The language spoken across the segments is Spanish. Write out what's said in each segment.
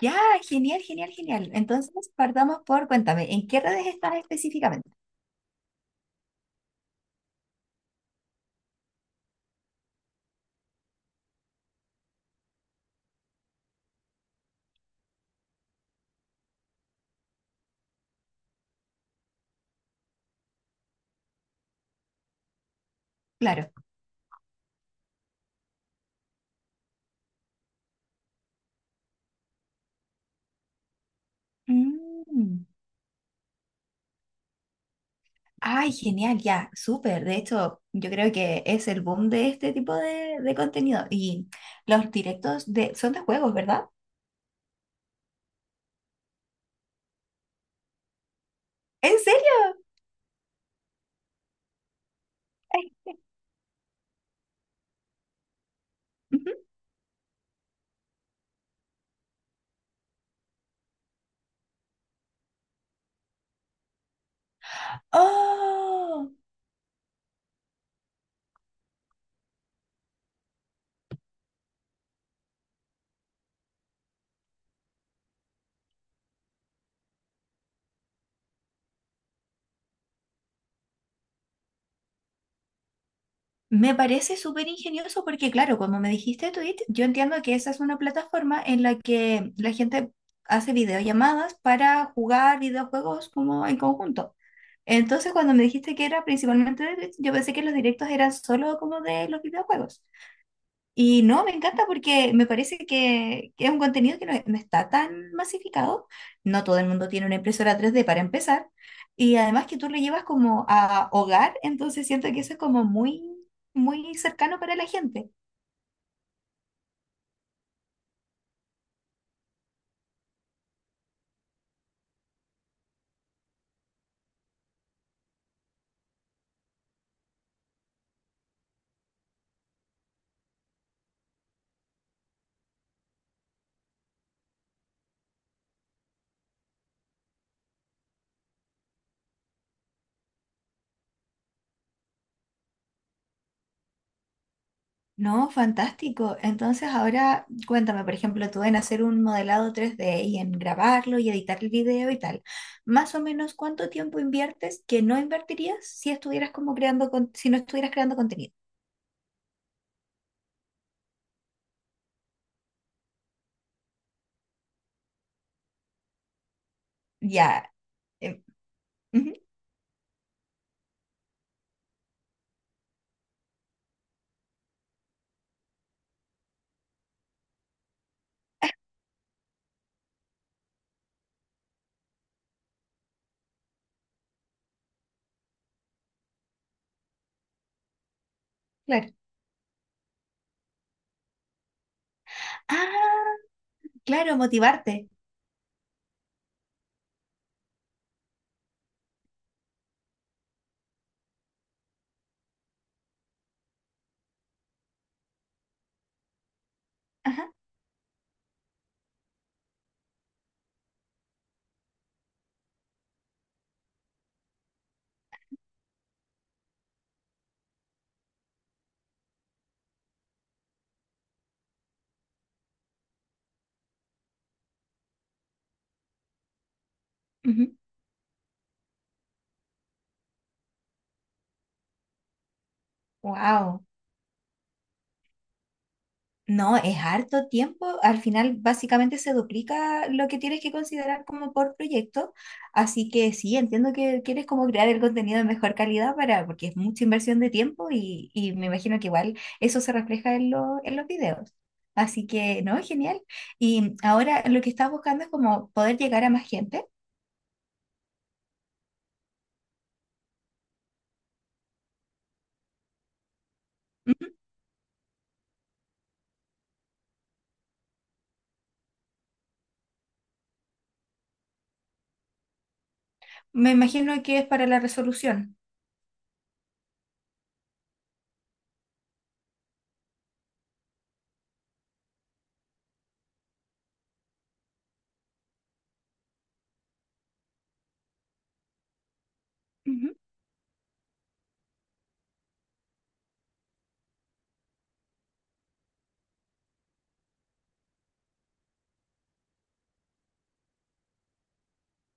Ya, genial, genial, genial. Entonces, cuéntame, ¿en qué redes estás específicamente? Claro. Mm. Ay, genial, ya, súper. De hecho, yo creo que es el boom de este tipo de contenido. Y los directos de, son de juegos, ¿verdad? ¿En serio? Ay, ujú. ¡Oh! Me parece súper ingenioso porque, claro, como me dijiste Twitch, yo entiendo que esa es una plataforma en la que la gente hace videollamadas para jugar videojuegos como en conjunto. Entonces, cuando me dijiste que era principalmente de Twitch, yo pensé que los directos eran solo como de los videojuegos. Y no, me encanta porque me parece que es un contenido que no está tan masificado. No todo el mundo tiene una impresora 3D para empezar. Y además que tú lo llevas como a hogar, entonces siento que eso es como muy, muy cercano para la gente. No, fantástico. Entonces ahora cuéntame, por ejemplo, tú en hacer un modelado 3D y en grabarlo y editar el video y tal. Más o menos, ¿cuánto tiempo inviertes que no invertirías si estuvieras como creando, si no estuvieras creando contenido? Ya. em, ujú. Claro. Ah, claro, motivarte. Ajá. Wow. No, es harto tiempo. Al final, básicamente se duplica lo que tienes que considerar como por proyecto. Así que sí, entiendo que quieres como crear el contenido de mejor calidad para, porque es mucha inversión de tiempo y me imagino que igual eso se refleja en, en los videos. Así que no, genial. Y ahora lo que estás buscando es como poder llegar a más gente. Ujú. Me imagino que es para la resolución. Ujú.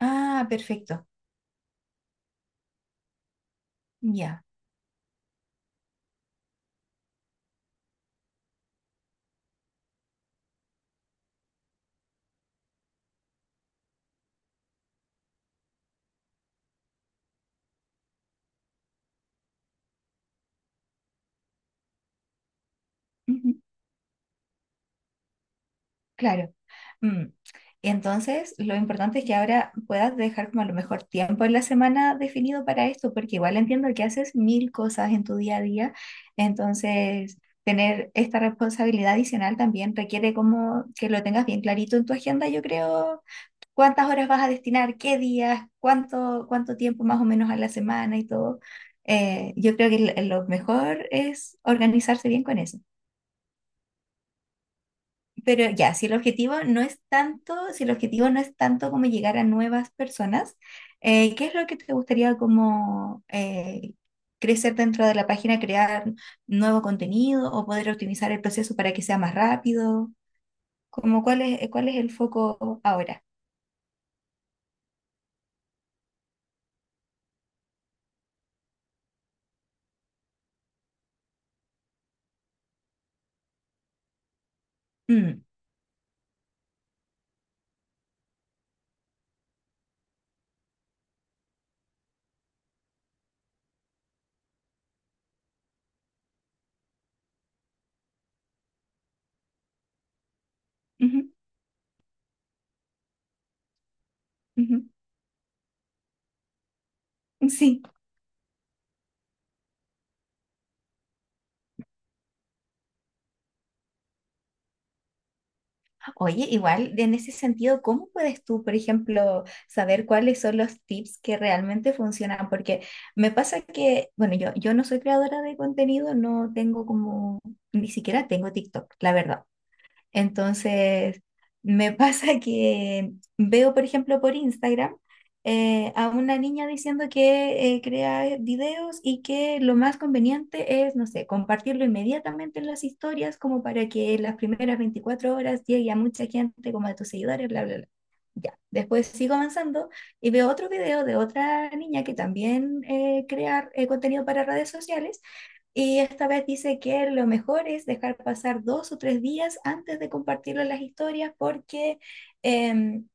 Ah, perfecto. Ya. Ujú. Claro. Mm. Entonces, lo importante es que ahora puedas dejar como a lo mejor tiempo en la semana definido para esto, porque igual entiendo que haces mil cosas en tu día a día. Entonces, tener esta responsabilidad adicional también requiere como que lo tengas bien clarito en tu agenda, yo creo, cuántas horas vas a destinar, qué días, cuánto tiempo más o menos a la semana y todo. Yo creo que lo mejor es organizarse bien con eso. Pero ya, si el objetivo no es tanto, si el objetivo no es tanto como llegar a nuevas personas, ¿qué es lo que te gustaría como crecer dentro de la página, crear nuevo contenido o poder optimizar el proceso para que sea más rápido? Como cuál es el foco ahora? Mm. Ujú, ujú. Sí. Oye, igual en ese sentido, ¿cómo puedes tú, por ejemplo, saber cuáles son los tips que realmente funcionan? Porque me pasa que, bueno, yo no soy creadora de contenido, no tengo como, ni siquiera tengo TikTok, la verdad. Entonces, me pasa que veo, por ejemplo, por Instagram a una niña diciendo que crea videos y que lo más conveniente es, no sé, compartirlo inmediatamente en las historias como para que las primeras 24 horas llegue a mucha gente, como a tus seguidores, bla, bla, bla. Ya, después sigo avanzando y veo otro video de otra niña que también crea contenido para redes sociales y esta vez dice que lo mejor es dejar pasar dos o tres días antes de compartirlo en las historias porque em,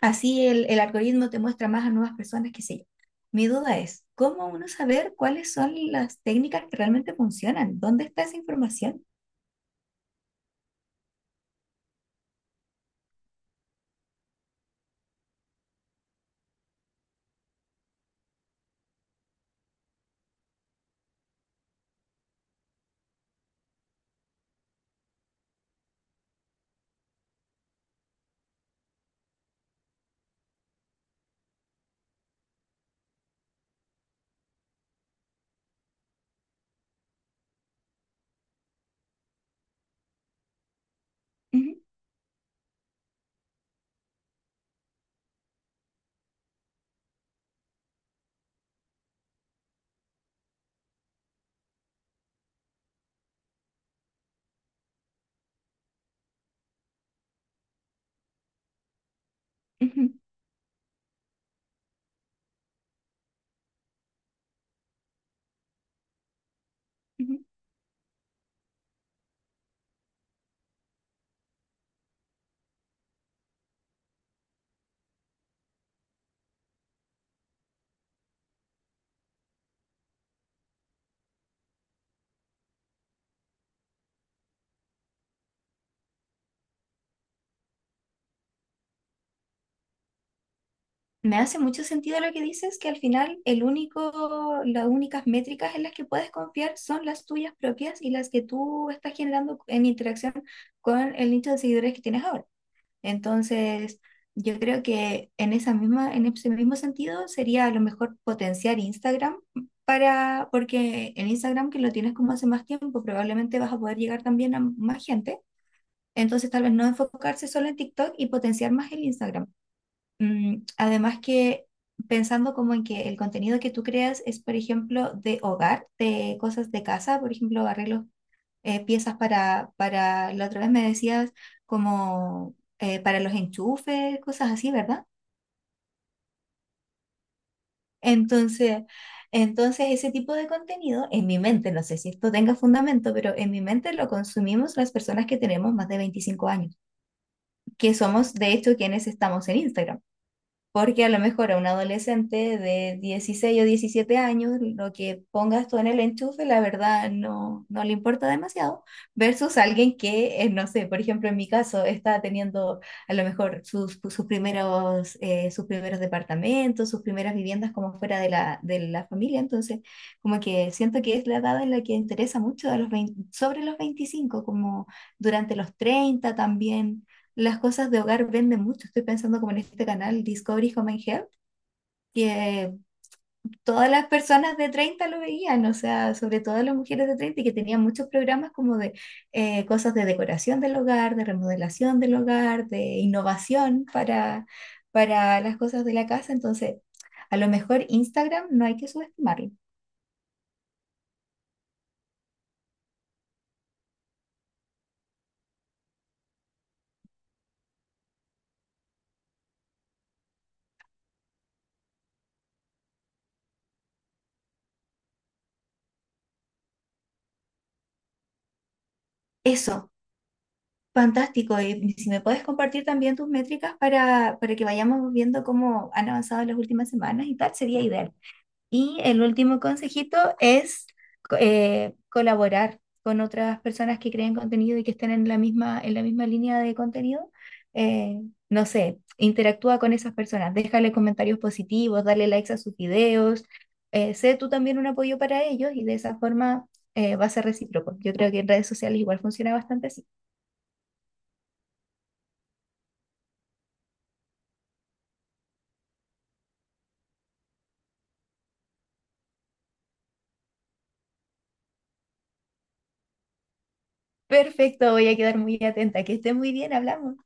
así el algoritmo te muestra más a nuevas personas que sí. Mi duda es, ¿cómo uno saber cuáles son las técnicas que realmente funcionan? ¿Dónde está esa información? Ujú, ujú, ujú. Me hace mucho sentido lo que dices, que al final el único, las únicas métricas en las que puedes confiar son las tuyas propias y las que tú estás generando en interacción con el nicho de seguidores que tienes ahora. Entonces, yo creo que en esa misma, en ese mismo sentido sería a lo mejor potenciar Instagram porque en Instagram que lo tienes como hace más tiempo, probablemente vas a poder llegar también a más gente. Entonces, tal vez no enfocarse solo en TikTok y potenciar más el Instagram. Mm, además que pensando como en que el contenido que tú creas es, por ejemplo, de hogar, de cosas de casa, por ejemplo, arreglos piezas la otra vez me decías como para los enchufes, cosas así, ¿verdad? Entonces, entonces ese tipo de contenido en mi mente, no sé si esto tenga fundamento, pero en mi mente lo consumimos las personas que tenemos más de 25 años, que somos de hecho quienes estamos en Instagram. Porque a lo mejor a un adolescente de 16 o 17 años, lo que pongas tú en el enchufe, la verdad no le importa demasiado, versus alguien que, no sé, por ejemplo, en mi caso, está teniendo a lo mejor sus primeros, sus primeros departamentos, sus primeras viviendas como fuera de la familia. Entonces, como que siento que es la edad en la que interesa mucho a los 20 sobre los 25 como durante los 30 también las cosas de hogar venden mucho. Estoy pensando como en este canal Discovery Home and Health, que todas las personas de 30 lo veían, o sea, sobre todo las mujeres de 30 y que tenían muchos programas como de cosas de decoración del hogar, de remodelación del hogar, de innovación para las cosas de la casa. Entonces, a lo mejor Instagram no hay que subestimarlo. Eso. Fantástico, y si me puedes compartir también tus métricas para que vayamos viendo cómo han avanzado en las últimas semanas y tal, sería ideal. Y el último consejito es colaborar con otras personas que creen contenido y que estén en la misma línea de contenido. Eh, no sé, interactúa con esas personas, déjale comentarios positivos, dale likes a sus videos, sé tú también un apoyo para ellos y de esa forma va a ser recíproco. Yo creo que en redes sociales igual funciona bastante así. Perfecto, voy a quedar muy atenta. Que esté muy bien, hablamos.